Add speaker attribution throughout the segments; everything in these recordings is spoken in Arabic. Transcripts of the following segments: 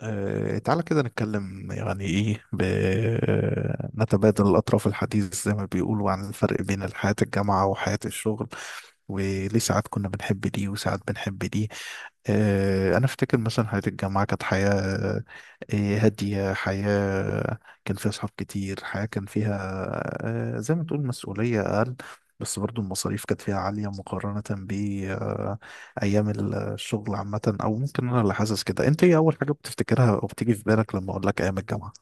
Speaker 1: تعالى كده نتكلم يعني ايه ب... آه، نتبادل الأطراف الحديث زي ما بيقولوا عن الفرق بين حياة الجامعة وحياة الشغل وليه ساعات كنا بنحب دي وساعات بنحب دي. أنا أفتكر مثلا حياة الجامعة كانت حياة هادية، حياة كان فيها أصحاب كتير، حياة كان فيها زي ما تقول مسؤولية أقل، بس برضو المصاريف كانت فيها عالية مقارنة ايام الشغل عامه. او ممكن انا اللي حاسس كده، انت ايه اول حاجه بتفتكرها او بتيجي في بالك لما اقول لك ايام الجامعه؟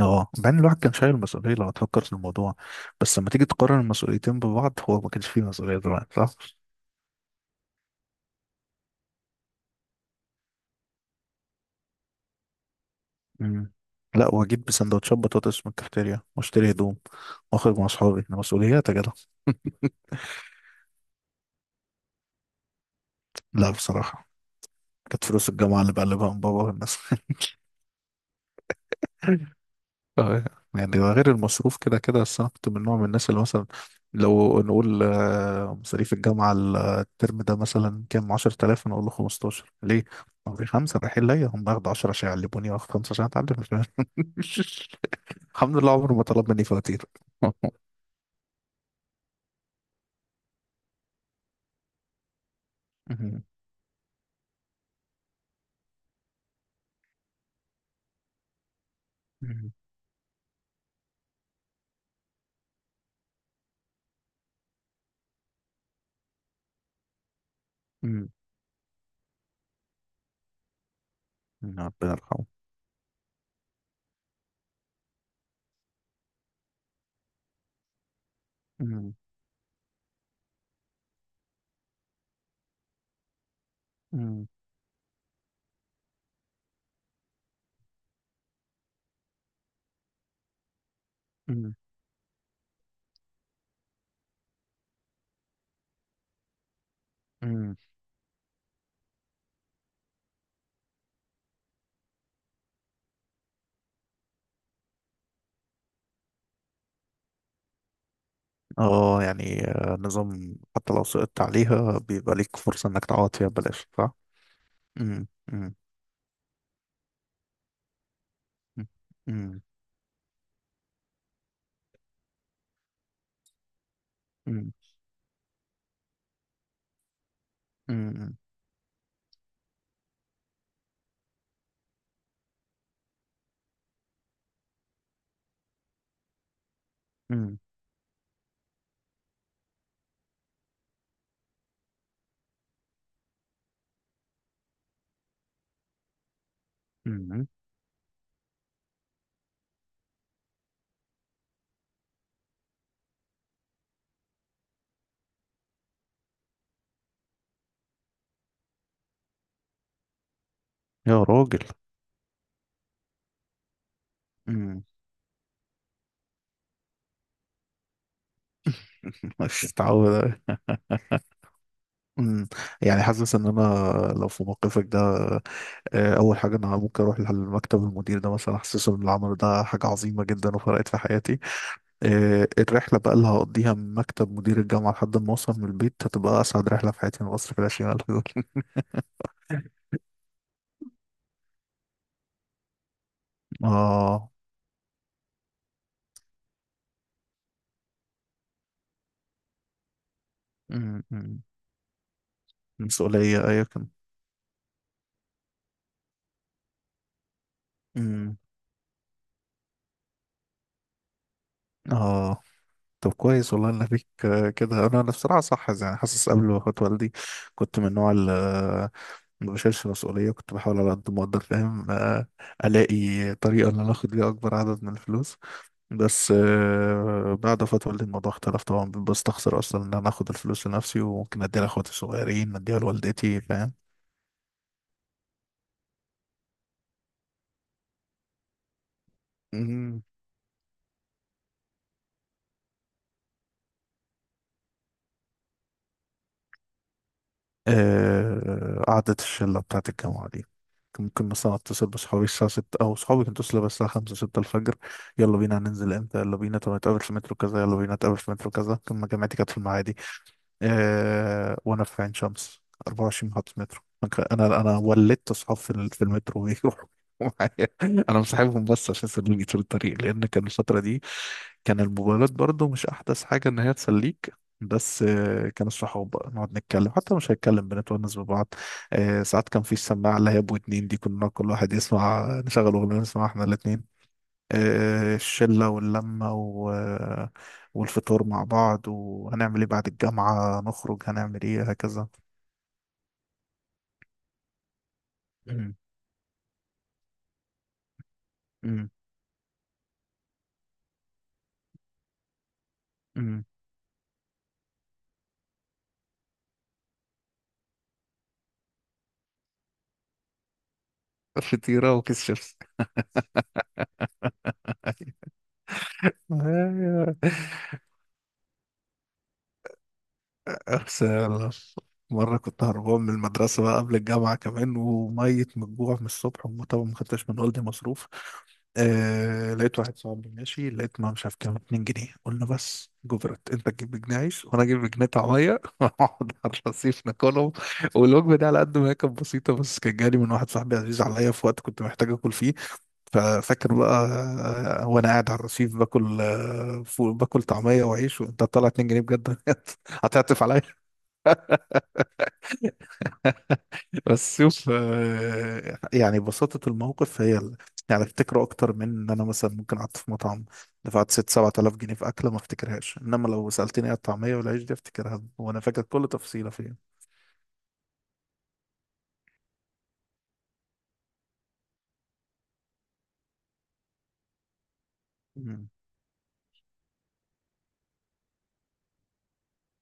Speaker 1: اه، بعدين الواحد كان شايل مسؤوليه لو تفكر في الموضوع، بس لما تيجي تقارن المسؤوليتين ببعض هو ما كانش فيه مسؤوليه زمان، صح؟ امم لا، واجيب سندوتشات بطاطس من الكافتيريا واشتري هدوم واخرج مع اصحابي، ده مسؤوليات يا جدع. لا بصراحه، كانت فلوس الجامعه اللي بقلبها من بابا والناس. اه، يعني ده غير المصروف كده كده، بس انا كنت من نوع من الناس اللي مثلا لو نقول مصاريف الجامعة الترم ده مثلا كام، 10000، انا اقول له 15، ليه؟ عمري خمسة رايحين ليا، هم ياخدوا 10 عشان يعلموني واخد خمسة عشان اتعلم. الحمد لله عمره ما طلب مني فواتير. مم. مم. مم. ربنا يرحمه. مم. مم. مم. مم. اه يعني نظام حتى لو سقطت عليها بيبقى ليك فرصة انك تعوض فيها ببلاش، صح؟ مم. مم. مم. مم. مم. مم. مم. يا راجل. مم. مش متعود. مم. يعني حاسس ان انا لو في موقفك ده، اول حاجه انا ممكن اروح لمكتب المدير ده مثلا احسسه ان العمل ده حاجه عظيمه جدا وفرقت في حياتي. الرحله بقى اللي هقضيها من مكتب مدير الجامعه لحد ما اوصل من البيت هتبقى اسعد رحله في حياتي من مصر في الشمال. اه. مم. مم. مسؤوليه ايوه كان. مم. اه طب كويس والله ان فيك كده. انا بصراحه صح، يعني حاسس قبل ما اخد والدي كنت من النوع اللي ما بشيلش مسؤوليه، كنت بحاول على قد ما اقدر، فاهم؟ الاقي طريقه ان انا اخد بيها اكبر عدد من الفلوس. بس بعد وفاه والدي الموضوع اختلف طبعا، بستخسر اصلا ان انا اخد الفلوس لنفسي وممكن اديها لاخواتي الصغيرين، اديها لوالدتي. فاهم قعدة الشلة بتاعة الجامعة دي؟ كان ممكن مثلا أتصل بصحابي الساعة ستة أو صحابي كانوا يتصلوا بس الساعة خمسة ستة الفجر، يلا بينا هننزل إمتى، يلا بينا طب نتقابل في مترو كذا، يلا بينا نتقابل في مترو كذا. كان جامعتي كانت في المعادي آه وانا في عين شمس، 24 محطة مترو. انا ولدت اصحاب في المترو بيروحوا معايا، انا مصاحبهم بس عشان يسلوني طول الطريق، لان كان الفترة دي كان الموبايلات برضو مش احدث حاجة ان هي تسليك. بس كان الصحاب بقى نقعد نتكلم، حتى مش هنتكلم بنتونس ببعض. ساعات كان في السماعة اللي هي ابو اتنين دي، كنا كل واحد يسمع، نشغل اغنية نسمعها احنا الاتنين. الشلة واللمة و... آه، والفطور مع بعض، وهنعمل ايه بعد الجامعة، نخرج هنعمل ايه هكذا. أمم، أمم، أمم. فطيرة وكيس شيبس. بس يلا. مرة كنت هربان من المدرسة بقى قبل الجامعة كمان، وميت من الجوع من الصبح، طبعا ما خدتش من والدي مصروف. آه لقيت واحد صاحبي ماشي، لقيت، ما مش عارف كام، 2 جنيه. قلنا بس جبرت، انت تجيب جنيه عيش وانا اجيب جنيه طعمية ونقعد على الرصيف ناكلهم. والوجبة دي على قد ما هي كانت بسيطة بس كانت جالي من واحد صاحبي عزيز عليا في وقت كنت محتاج اكل فيه. ففاكر بقى وانا قاعد على الرصيف باكل باكل طعمية وعيش، وانت طالع 2 جنيه بجد هتعطف عليا. بس شوف يعني بساطة الموقف هي يعني افتكره اكتر من ان انا مثلا ممكن قعدت في مطعم دفعت ست سبعة آلاف جنيه في اكلة، ما افتكرهاش، انما لو سألتني على الطعمية والعيش دي افتكرها وانا فاكر كل تفصيلة فيها. مم.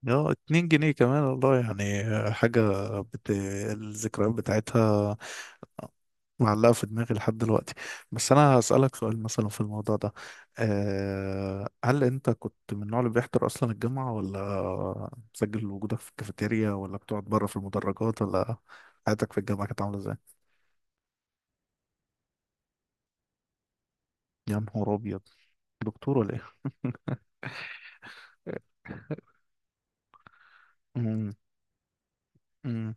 Speaker 1: اه اتنين جنيه كمان والله، يعني بت... الذكريات بتاعتها معلقة في دماغي لحد دلوقتي. بس أنا هسألك سؤال مثلا في الموضوع ده، أه هل أنت كنت من النوع اللي بيحضر أصلا الجامعة، ولا مسجل وجودك في الكافيتيريا، ولا بتقعد بره في المدرجات، ولا حياتك في الجامعة كانت عاملة إزاي؟ يا نهار أبيض، دكتور ولا إيه؟ أمم، أمم،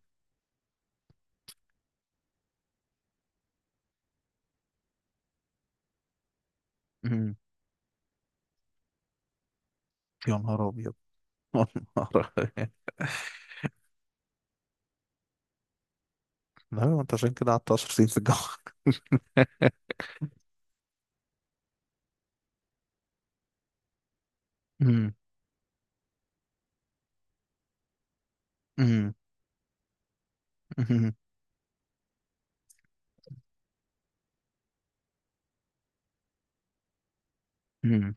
Speaker 1: أمم. يا نهار أبيض. يا نهار أبيض. لا ما أنت عشان كده قعدت 10 سنين في الجامعة. أمم، أمم، أمم، أمم.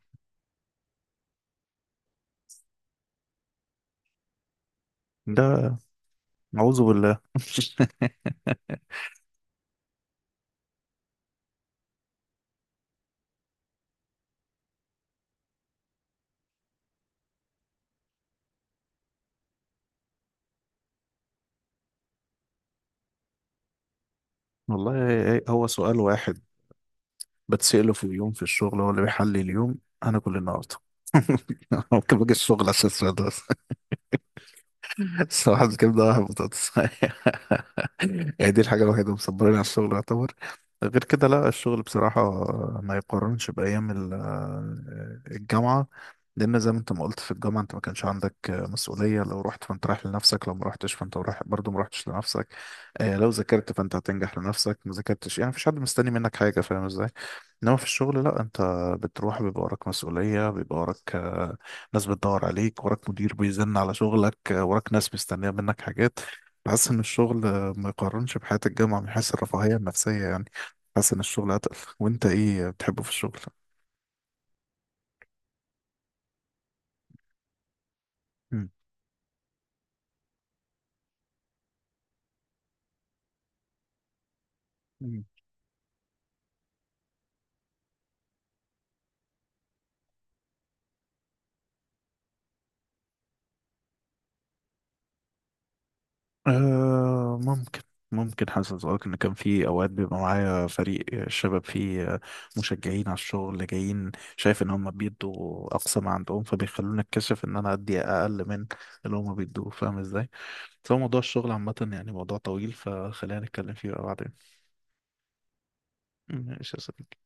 Speaker 1: ده أعوذ بالله. والله هو سؤال واحد بتسأله في اليوم في الشغل هو اللي بيحلي اليوم، انا كل النهارده ممكن باجي الشغل عشان السؤال ده. صباح الكبدة واحد بطاطس. يعني دي الحاجة الوحيدة اللي مصبراني على الشغل يعتبر، غير كده لا، الشغل بصراحة ما يقارنش بأيام ال- آه، الجامعة، لأن زي ما أنت ما قلت في الجامعة أنت ما كانش عندك مسؤولية، لو رحت فأنت رايح لنفسك، لو ما رحتش فأنت رايح برضه، ما رحتش لنفسك. لو ذاكرت فأنت هتنجح لنفسك، ما ذاكرتش يعني مفيش حد مستني منك حاجة، فاهم إزاي؟ إنما في الشغل لا، أنت بتروح بيبقى وراك مسؤولية، بيبقى وراك ناس بتدور عليك، وراك مدير بيزن على شغلك، وراك ناس مستنية منك حاجات. بحس إن الشغل ما يقارنش بحياة الجامعة من حيث الرفاهية النفسية يعني، بحس إن الشغل أتقل. وأنت إيه بتحبه في الشغل؟ مم. آه ممكن، ممكن حاسس أقولك إن كان في أوقات بيبقى معايا فريق الشباب، فيه مشجعين على الشغل جايين، شايف إن هم بيدوا أقصى ما عندهم فبيخلوني أتكشف إن أنا أدي أقل من اللي هم بيدوه، فاهم إزاي؟ بس هو موضوع الشغل عامة يعني موضوع طويل، فخلينا نتكلم فيه بقى بعدين. ماشي يا صديقي.